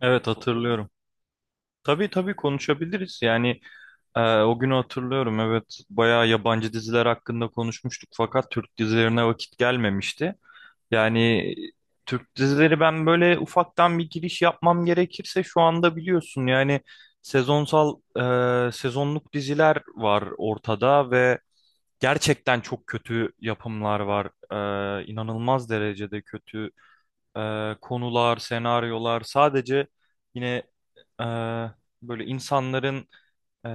Evet hatırlıyorum. Tabii tabii, konuşabiliriz. O günü hatırlıyorum. Evet, bayağı yabancı diziler hakkında konuşmuştuk fakat Türk dizilerine vakit gelmemişti. Yani Türk dizileri, ben böyle ufaktan bir giriş yapmam gerekirse, şu anda biliyorsun yani sezonsal sezonluk diziler var ortada ve gerçekten çok kötü yapımlar var. İnanılmaz derecede kötü konular, senaryolar. Sadece yine e, böyle insanların e,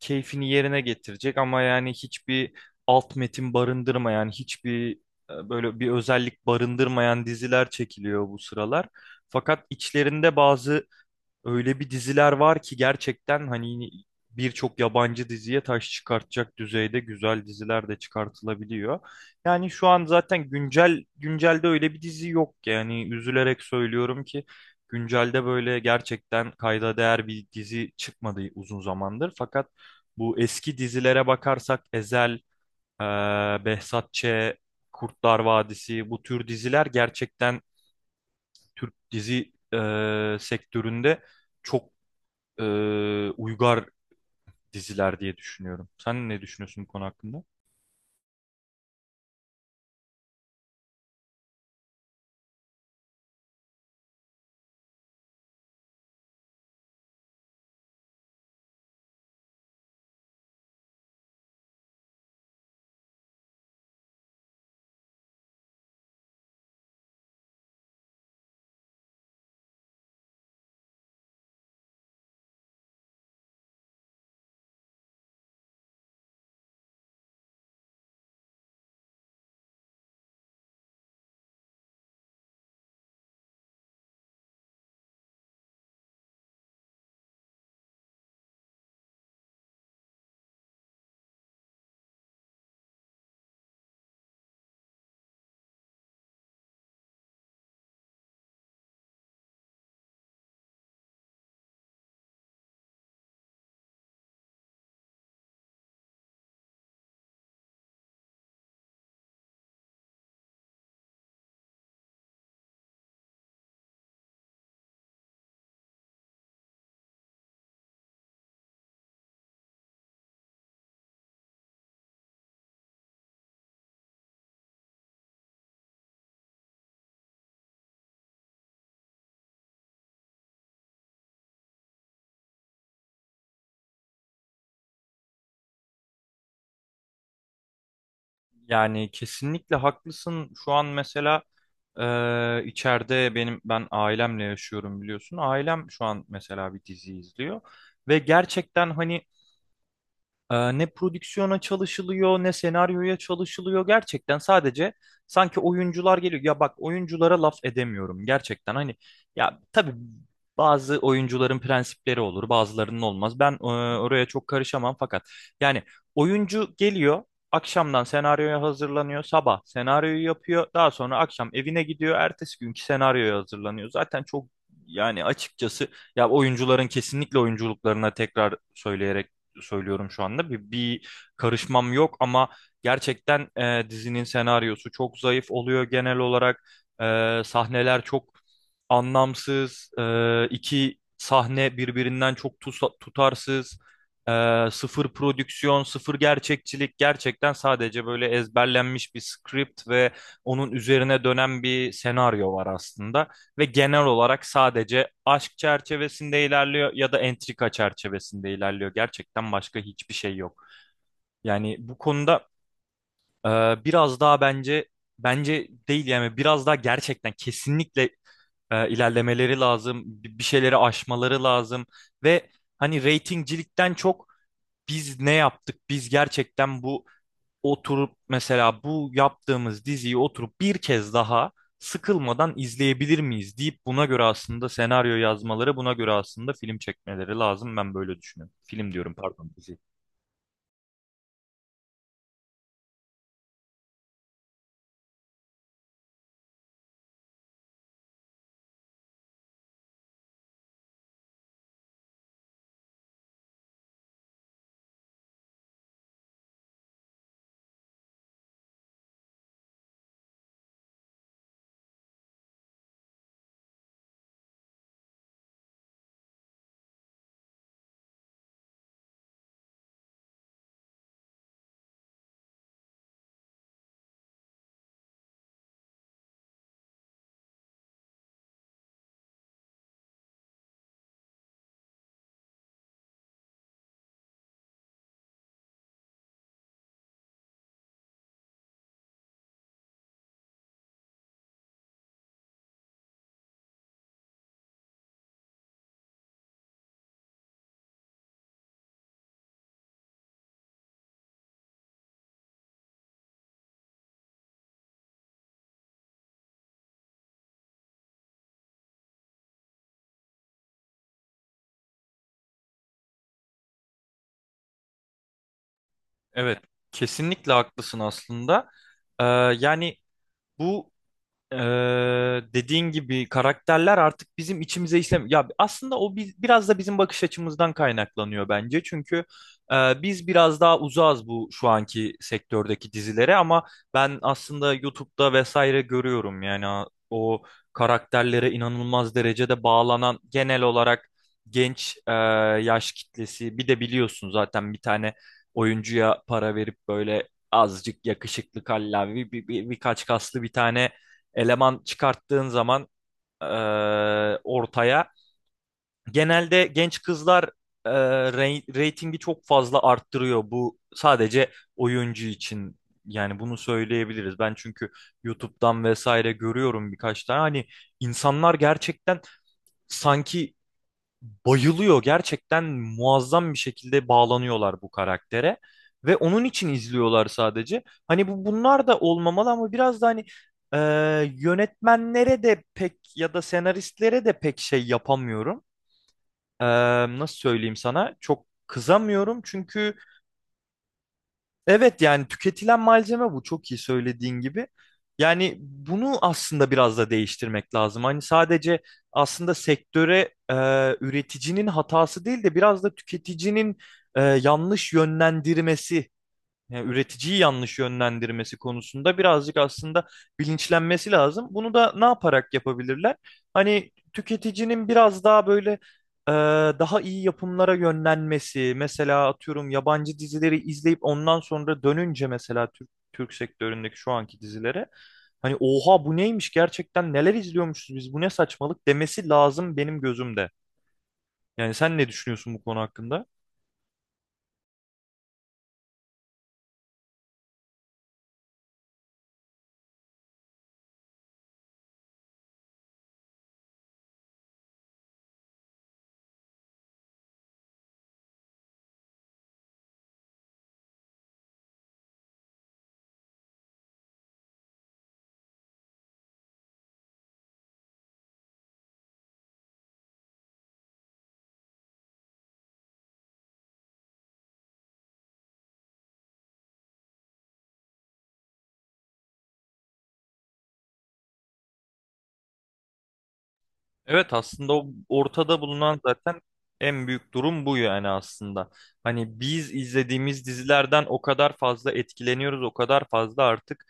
keyfini yerine getirecek ama yani hiçbir alt metin barındırmayan, hiçbir böyle bir özellik barındırmayan diziler çekiliyor bu sıralar. Fakat içlerinde bazı öyle bir diziler var ki gerçekten hani birçok yabancı diziye taş çıkartacak düzeyde güzel diziler de çıkartılabiliyor. Yani şu an zaten güncel, güncelde öyle bir dizi yok ki. Yani üzülerek söylüyorum ki güncelde böyle gerçekten kayda değer bir dizi çıkmadı uzun zamandır. Fakat bu eski dizilere bakarsak Ezel, Behzat Ç., Kurtlar Vadisi, bu tür diziler gerçekten Türk dizi sektöründe çok e, uygar diziler diye düşünüyorum. Sen ne düşünüyorsun bu konu hakkında? Yani kesinlikle haklısın. Şu an mesela içeride ben ailemle yaşıyorum, biliyorsun. Ailem şu an mesela bir dizi izliyor ve gerçekten hani, ne prodüksiyona çalışılıyor, ne senaryoya çalışılıyor. Gerçekten sadece sanki oyuncular geliyor. Ya bak, oyunculara laf edemiyorum gerçekten. Hani, ya tabii, bazı oyuncuların prensipleri olur, bazılarının olmaz. Ben oraya çok karışamam fakat yani oyuncu geliyor, akşamdan senaryoya hazırlanıyor, sabah senaryoyu yapıyor, daha sonra akşam evine gidiyor, ertesi günkü senaryoya hazırlanıyor. Zaten çok, yani açıkçası, ya oyuncuların kesinlikle oyunculuklarına tekrar söyleyerek söylüyorum şu anda. Bir karışmam yok ama gerçekten dizinin senaryosu çok zayıf oluyor genel olarak. E, sahneler çok anlamsız. E, iki sahne birbirinden çok tutarsız. E, sıfır prodüksiyon, sıfır gerçekçilik. Gerçekten sadece böyle ezberlenmiş bir script ve onun üzerine dönen bir senaryo var aslında ve genel olarak sadece aşk çerçevesinde ilerliyor ya da entrika çerçevesinde ilerliyor. Gerçekten başka hiçbir şey yok. Yani bu konuda e, biraz daha bence, bence değil, yani biraz daha gerçekten kesinlikle ilerlemeleri lazım. Bir şeyleri aşmaları lazım ve hani, reytingcilikten çok biz ne yaptık? Biz gerçekten bu, oturup mesela bu yaptığımız diziyi oturup bir kez daha sıkılmadan izleyebilir miyiz deyip buna göre aslında senaryo yazmaları, buna göre aslında film çekmeleri lazım. Ben böyle düşünüyorum. Film diyorum, pardon, dizi. Evet, kesinlikle haklısın aslında. Ee, Yani bu, Ee, dediğin gibi karakterler artık bizim içimize işlem. Ya aslında o biz, biraz da bizim bakış açımızdan kaynaklanıyor bence. Çünkü biz biraz daha uzağız bu şu anki sektördeki dizilere ama ben aslında YouTube'da vesaire görüyorum, yani o karakterlere inanılmaz derecede bağlanan genel olarak genç yaş kitlesi. Bir de biliyorsun zaten, bir tane oyuncuya para verip böyle azıcık yakışıklı kallavi birkaç kaslı bir tane eleman çıkarttığın zaman e, ortaya genelde genç kızlar e, reytingi çok fazla arttırıyor. Bu sadece oyuncu için, yani bunu söyleyebiliriz. Ben çünkü YouTube'dan vesaire görüyorum birkaç tane. Hani insanlar gerçekten sanki bayılıyor. Gerçekten muazzam bir şekilde bağlanıyorlar bu karaktere ve onun için izliyorlar sadece. Hani bu, bunlar da olmamalı ama biraz da hani e, yönetmenlere de pek ya da senaristlere de pek şey yapamıyorum. E, nasıl söyleyeyim sana? Çok kızamıyorum çünkü evet, yani tüketilen malzeme bu, çok iyi söylediğin gibi. Yani bunu aslında biraz da değiştirmek lazım. Hani sadece aslında sektöre e, üreticinin hatası değil de biraz da tüketicinin yanlış yönlendirmesi, yani üreticiyi yanlış yönlendirmesi konusunda birazcık aslında bilinçlenmesi lazım. Bunu da ne yaparak yapabilirler? Hani tüketicinin biraz daha böyle e, daha iyi yapımlara yönlenmesi, mesela atıyorum yabancı dizileri izleyip ondan sonra dönünce mesela Türk sektöründeki şu anki dizilere hani oha bu neymiş, gerçekten neler izliyormuşuz biz, bu ne saçmalık demesi lazım benim gözümde. Yani sen ne düşünüyorsun bu konu hakkında? Evet, aslında o ortada bulunan zaten en büyük durum bu yani aslında. Hani biz izlediğimiz dizilerden o kadar fazla etkileniyoruz, o kadar fazla artık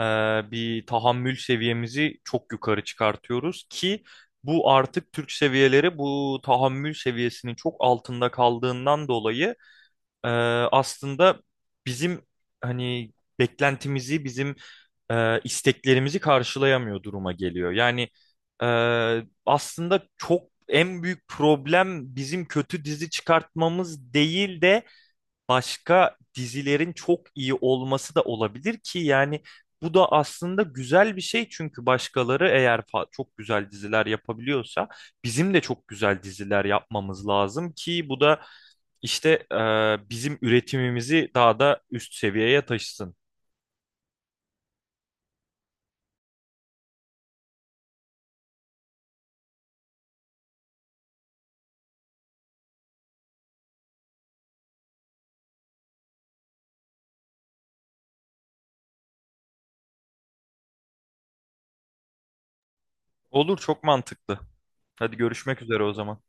e, bir tahammül seviyemizi çok yukarı çıkartıyoruz ki bu artık Türk seviyeleri bu tahammül seviyesinin çok altında kaldığından dolayı e, aslında bizim hani beklentimizi, bizim isteklerimizi karşılayamıyor duruma geliyor. E, Aslında çok, en büyük problem bizim kötü dizi çıkartmamız değil de başka dizilerin çok iyi olması da olabilir ki, yani bu da aslında güzel bir şey çünkü başkaları eğer çok güzel diziler yapabiliyorsa bizim de çok güzel diziler yapmamız lazım ki bu da işte bizim üretimimizi daha da üst seviyeye taşısın. Olur, çok mantıklı. Hadi görüşmek üzere o zaman.